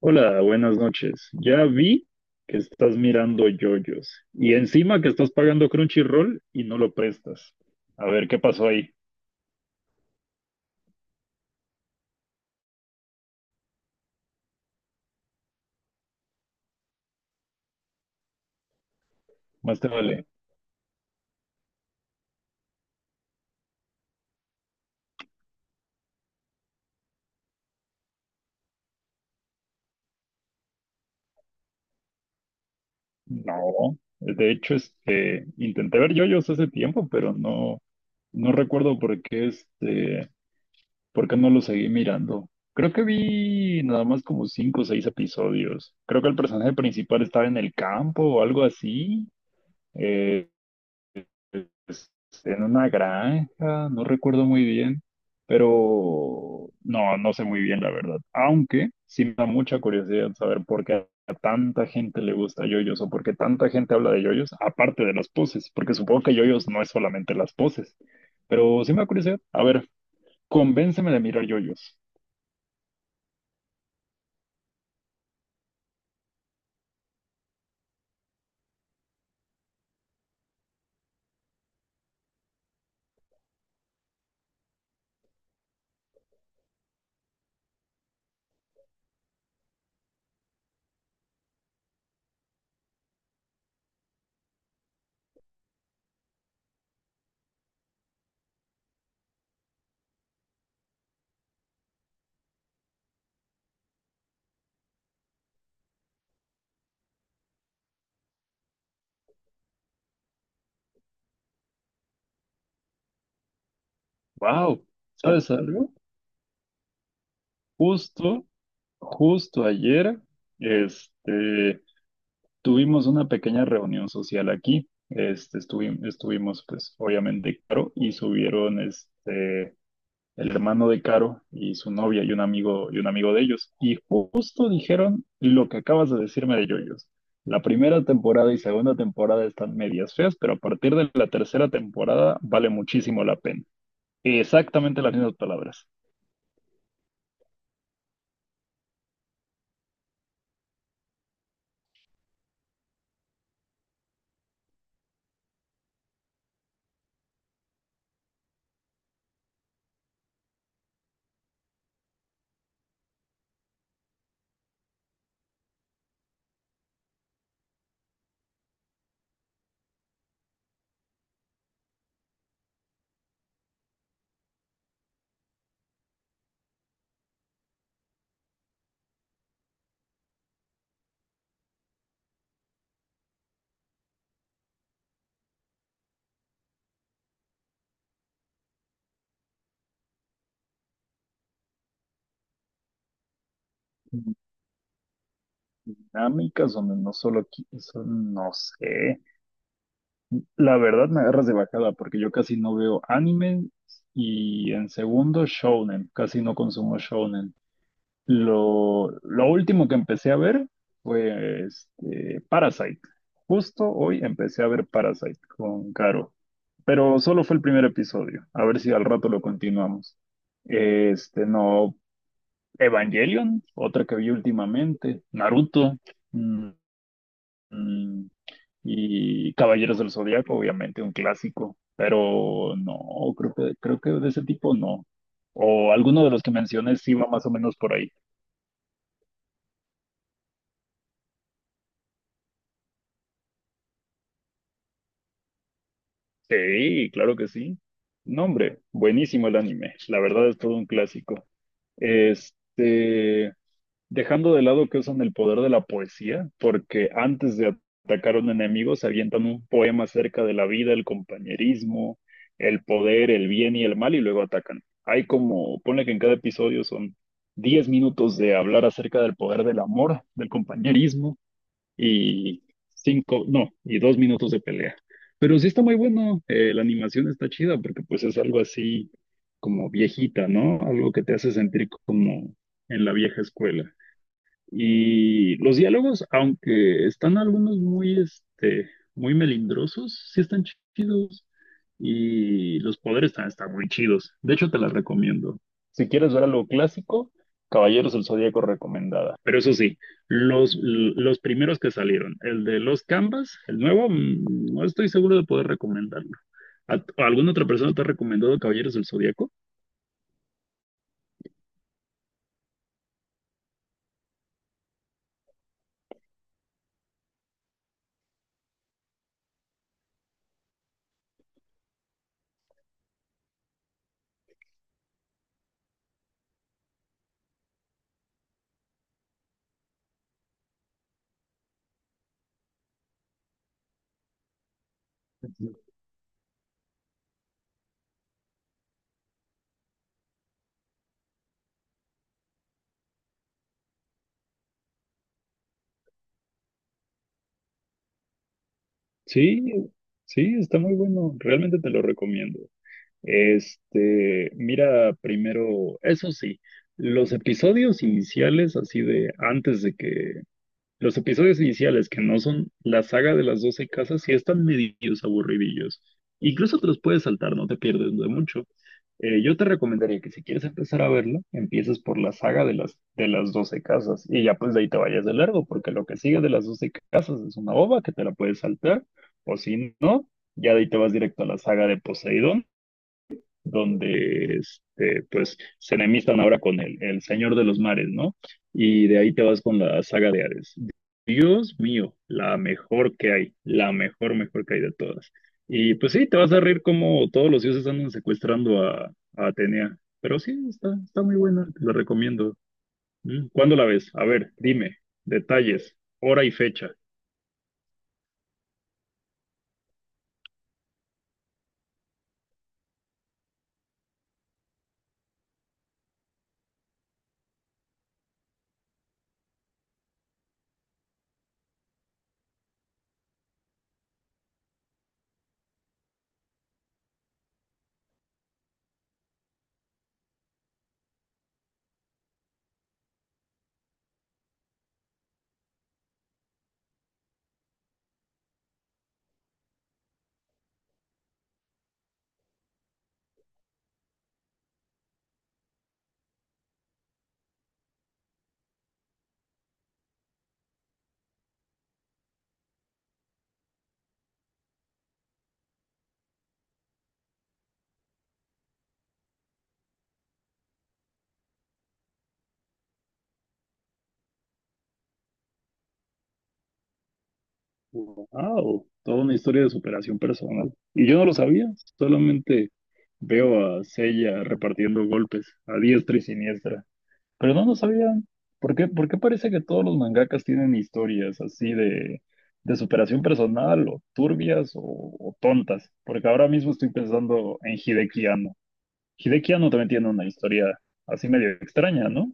Hola, buenas noches. Ya vi que estás mirando yoyos y encima que estás pagando Crunchyroll y no lo prestas. A ver, ¿qué pasó ahí? Más te vale. No, de hecho, intenté ver yoyos hace tiempo, pero no recuerdo por qué, por qué no lo seguí mirando. Creo que vi nada más como cinco o seis episodios. Creo que el personaje principal estaba en el campo o algo así. Eh, pues, en una granja, no recuerdo muy bien, pero no sé muy bien la verdad. Aunque sí me da mucha curiosidad saber por qué a tanta gente le gusta yoyos o por qué tanta gente habla de yoyos, aparte de las poses, porque supongo que yoyos no es solamente las poses, pero sí me da curiosidad. A ver, convénceme de mirar yoyos. Wow, ¿sabes algo? Justo, justo ayer, este... Tuvimos una pequeña reunión social aquí. Estuvimos, pues, obviamente, Caro y subieron el hermano de Caro y su novia y un amigo de ellos. Y justo dijeron lo que acabas de decirme de Yoyos. La primera temporada y segunda temporada están medias feas, pero a partir de la tercera temporada vale muchísimo la pena. Exactamente las mismas palabras. Dinámicas donde no solo, eso no sé. La verdad me agarras de bajada porque yo casi no veo anime y en segundo shonen, casi no consumo shonen. Lo último que empecé a ver fue Parasite. Justo hoy empecé a ver Parasite con Caro, pero solo fue el primer episodio. A ver si al rato lo continuamos. Este, no, Evangelion, otra que vi últimamente, Naruto. Mm. Mm. Y Caballeros del Zodiaco, obviamente, un clásico, pero no, creo que de ese tipo no. O alguno de los que mencioné sí va más o menos por ahí. Sí, claro que sí. No, hombre, buenísimo el anime. La verdad es todo un clásico. Este, Dejando de lado que usan el poder de la poesía, porque antes de atacar a un enemigo se avientan un poema acerca de la vida, el compañerismo, el poder, el bien y el mal, y luego atacan. Hay como, ponle que en cada episodio son 10 minutos de hablar acerca del poder del amor, del compañerismo, y cinco, no, y dos minutos de pelea. Pero sí está muy bueno, la animación está chida, porque pues es algo así como viejita, ¿no? Algo que te hace sentir como en la vieja escuela. Y los diálogos, aunque están algunos muy, muy melindrosos, sí están chidos. Y los poderes también están muy chidos. De hecho, te las recomiendo. Si quieres ver algo clásico, Caballeros del Zodíaco recomendada. Pero eso sí, los primeros que salieron, el de los Canvas, el nuevo, mm, no estoy seguro de poder recomendarlo. ¿Alguna otra persona te ha recomendado Caballeros del Zodíaco? Sí, sí, está muy bueno. Realmente te lo recomiendo. Mira, primero, eso sí, los episodios iniciales, así de antes de que, los episodios iniciales que no son la saga de las 12 casas, sí están medios aburridillos. Incluso te los puedes saltar, no te pierdes de mucho. Yo te recomendaría que si quieres empezar a verla, empieces por la saga de de las 12 casas y ya pues de ahí te vayas de largo, porque lo que sigue de las 12 casas es una ova que te la puedes saltar, o si no, ya de ahí te vas directo a la saga de Poseidón donde pues se enemistan ahora con el Señor de los Mares, ¿no? Y de ahí te vas con la saga de Hades. Dios mío, la mejor que hay, la mejor, mejor que hay de todas. Y pues sí, te vas a reír como todos los dioses andan secuestrando a Atenea. Pero sí, está, está muy buena, te la recomiendo. Mm, ¿cuándo la ves? A ver, dime, detalles, hora y fecha. Wow, toda una historia de superación personal. Y yo no lo sabía, solamente veo a Sella repartiendo golpes a diestra y siniestra. Pero no lo sabían. ¿Por qué parece que todos los mangakas tienen historias así de superación personal o turbias o tontas? Porque ahora mismo estoy pensando en Hideki Anno. Hideki Anno también tiene una historia así medio extraña, ¿no?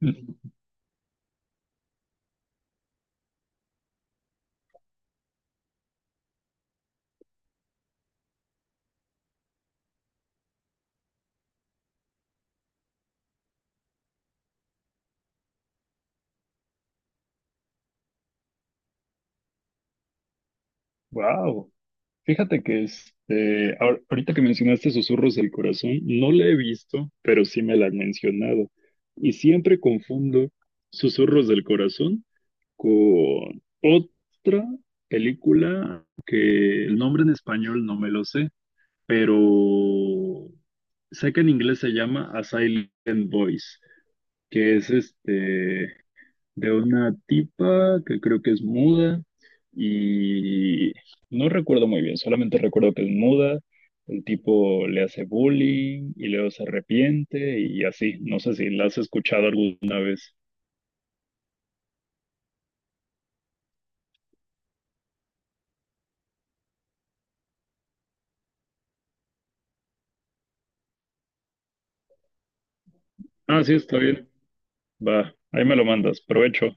Wow. Fíjate que ahorita que mencionaste Susurros del Corazón, no la he visto, pero sí me la han mencionado. Y siempre confundo Susurros del Corazón con otra película que el nombre en español no me lo sé, pero sé que en inglés se llama A Silent Voice, que es de una tipa que creo que es muda y no recuerdo muy bien, solamente recuerdo que es muda, el tipo le hace bullying y luego se arrepiente y así, no sé si la has escuchado alguna vez. Ah, sí, está bien, va, ahí me lo mandas, provecho.